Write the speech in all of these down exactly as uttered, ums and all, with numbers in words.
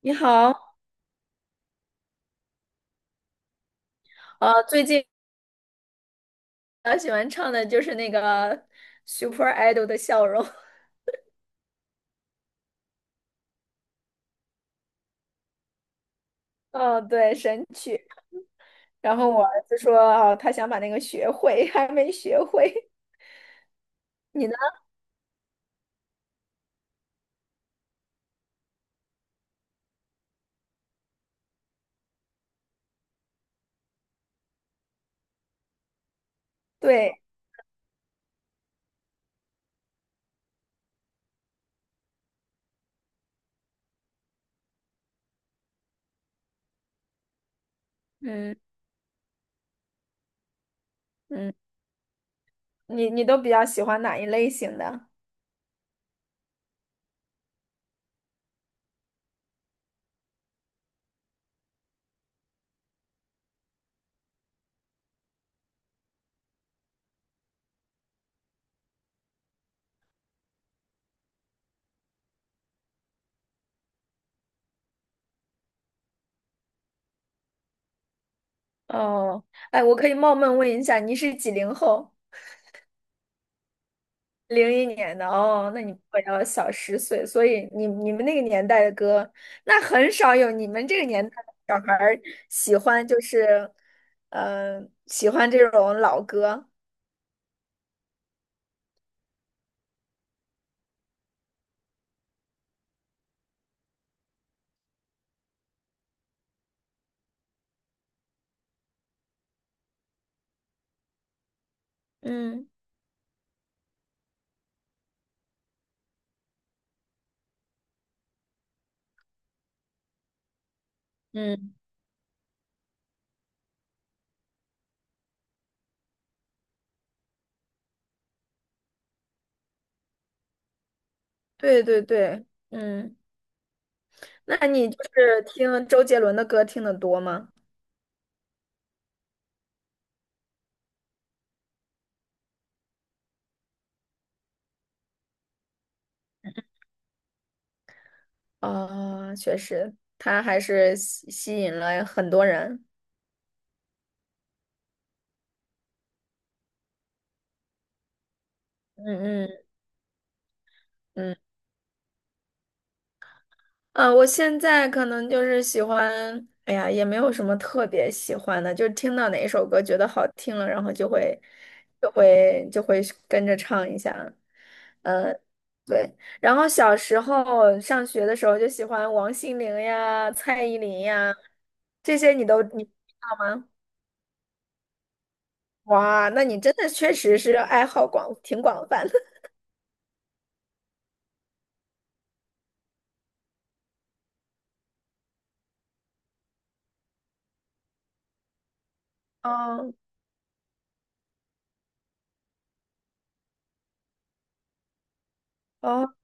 你好，呃，最近比较喜欢唱的就是那个 Super Idol 的《笑容》哦，对，神曲。然后我儿子说，哦，他想把那个学会，还没学会。你呢？对，嗯嗯，你你都比较喜欢哪一类型的？哦，哎，我可以冒昧问一下，你是几零后？零一年的哦，那你比我要小十岁，所以你你们那个年代的歌，那很少有你们这个年代的小孩儿喜欢，就是，呃，喜欢这种老歌。嗯，嗯，对对对，嗯，那你就是听周杰伦的歌听得多吗？啊、确实，他还是吸吸引了很多人。嗯嗯嗯。呃，我现在可能就是喜欢，哎呀，也没有什么特别喜欢的，就是听到哪一首歌觉得好听了，然后就会就会就会跟着唱一下。呃，对。然后小时候上学的时候就喜欢王心凌呀、蔡依林呀，这些你都你吗？哇，那你真的确实是爱好广，挺广泛的。哦哦。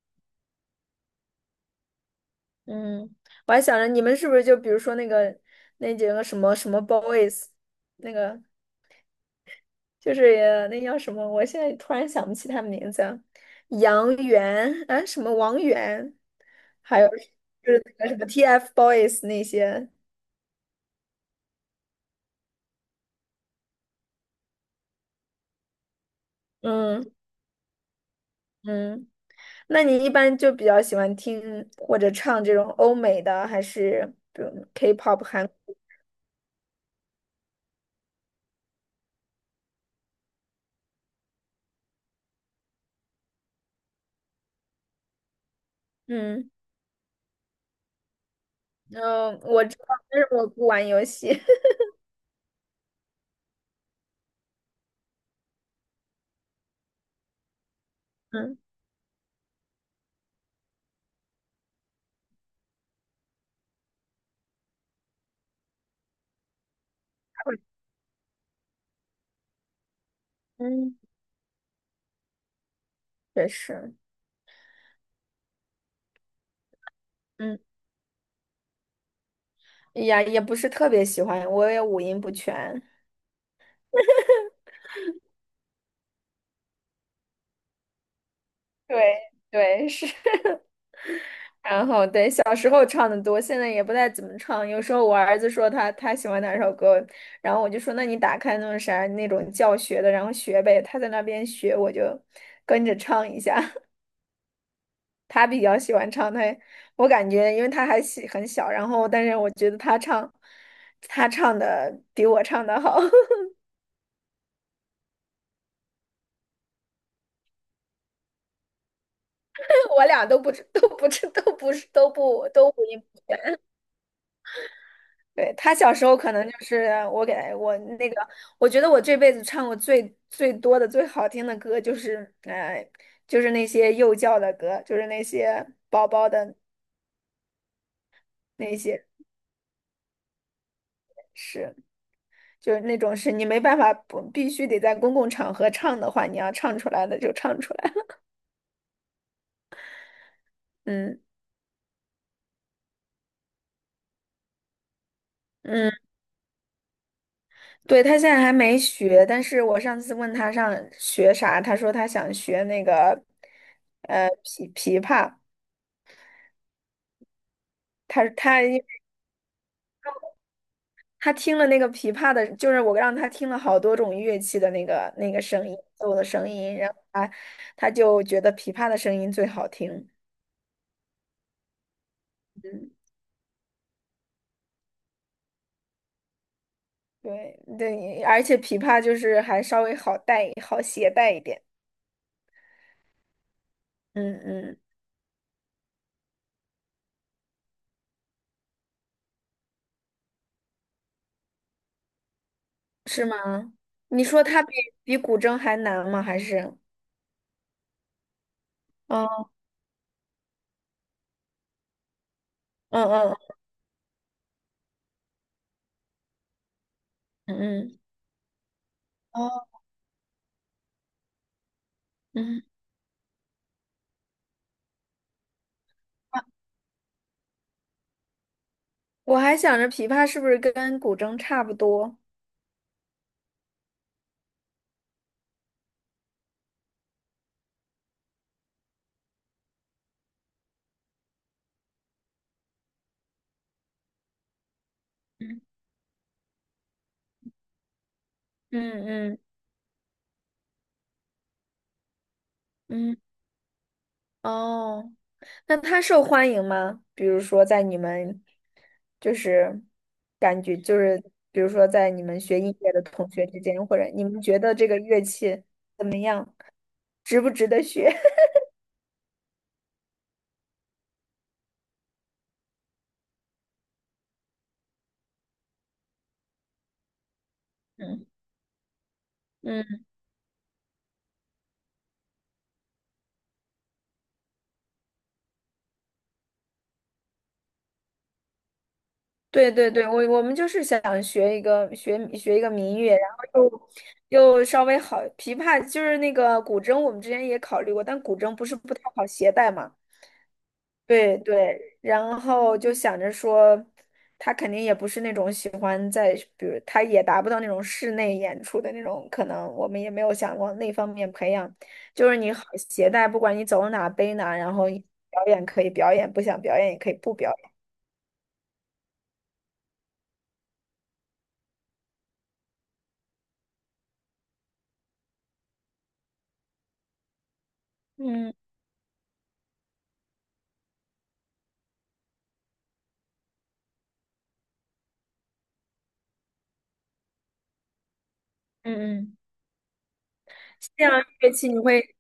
嗯，我还想着你们是不是就比如说那个那几个什么什么 boys，那个就是也那叫什么，我现在突然想不起他们名字啊，杨元啊什么王源，还有就是那个什么 TFBOYS 那些，嗯嗯，那你一般就比较喜欢听或者唱这种欧美的，还是比如 K-pop 韩？嗯嗯，我知道，但是我不玩游戏。嗯嗯，确实。嗯。呀，也不是特别喜欢，我也五音不全。对对是，然后对，小时候唱的多，现在也不太怎么唱。有时候我儿子说他他喜欢哪首歌，然后我就说那你打开那种啥那种教学的，然后学呗。他在那边学，我就跟着唱一下。他比较喜欢唱，他我感觉因为他还喜很小，然后但是我觉得他唱他唱的比我唱的好，我俩都不知都不知都不是都不都五音。对，他小时候可能就是我给他我那个，我觉得我这辈子唱过最最多的、最好听的歌就是，呃，就是那些幼教的歌，就是那些宝宝的那些是，就是那种是你没办法不必须得在公共场合唱的话，你要唱出来的就唱出来。嗯嗯，对，他现在还没学，但是我上次问他上学啥，他说他想学那个，呃，琵琵琶。他他因为他听了那个琵琶的，就是我让他听了好多种乐器的那个那个声音，奏的声音，然后他他就觉得琵琶的声音最好听。嗯，对对，而且琵琶就是还稍微好带好携带一点。嗯嗯，是吗？你说它比比古筝还难吗？还是？嗯嗯嗯嗯哦，嗯哦嗯，啊我还想着琵琶是不是跟古筝差不多？嗯嗯嗯嗯，哦。那他受欢迎吗？比如说在你们，就是感觉就是，比如说在你们学音乐的同学之间，或者你们觉得这个乐器怎么样，值不值得学？嗯嗯，对对对，我我们就是想学一个学学一个民乐，然后又又稍微好，琵琶就是那个古筝，我们之前也考虑过，但古筝不是不太好携带嘛。对对，然后就想着说，他肯定也不是那种喜欢在，比如他也达不到那种室内演出的那种，可能我们也没有想往那方面培养。就是你好携带，不管你走哪背哪，然后表演可以表演，不想表演也可以不表演。嗯嗯嗯，这样乐器你会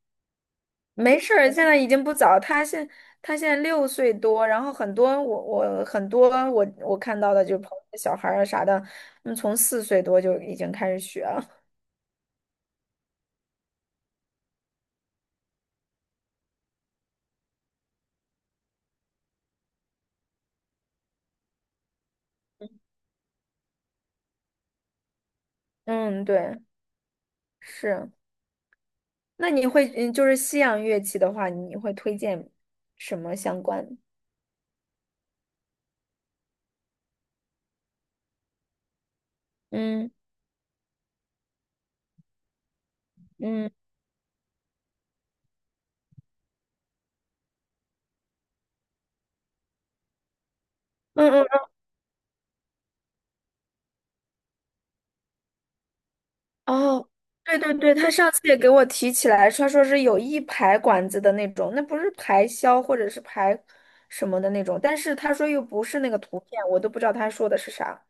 没事儿，现在已经不早。他现他现在六岁多，然后很多我我很多我我看到的就朋友的小孩儿啊啥的，嗯，从四岁多就已经开始学了。嗯，对，是。那你会嗯，就是西洋乐器的话，你会推荐什么相关？嗯嗯嗯嗯哦，对对对，他上次也给我提起来，他说是有一排管子的那种，那不是排箫或者是排什么的那种，但是他说又不是那个图片，我都不知道他说的是啥。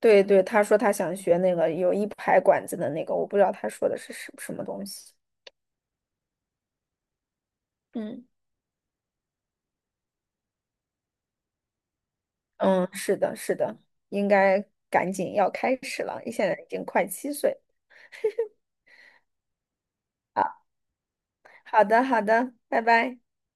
对对，他说他想学那个有一排管子的那个，我不知道他说的是什什么东西。嗯嗯，是的，是的，应该赶紧要开始了，现在已经快七岁啊。好的，好的，拜拜。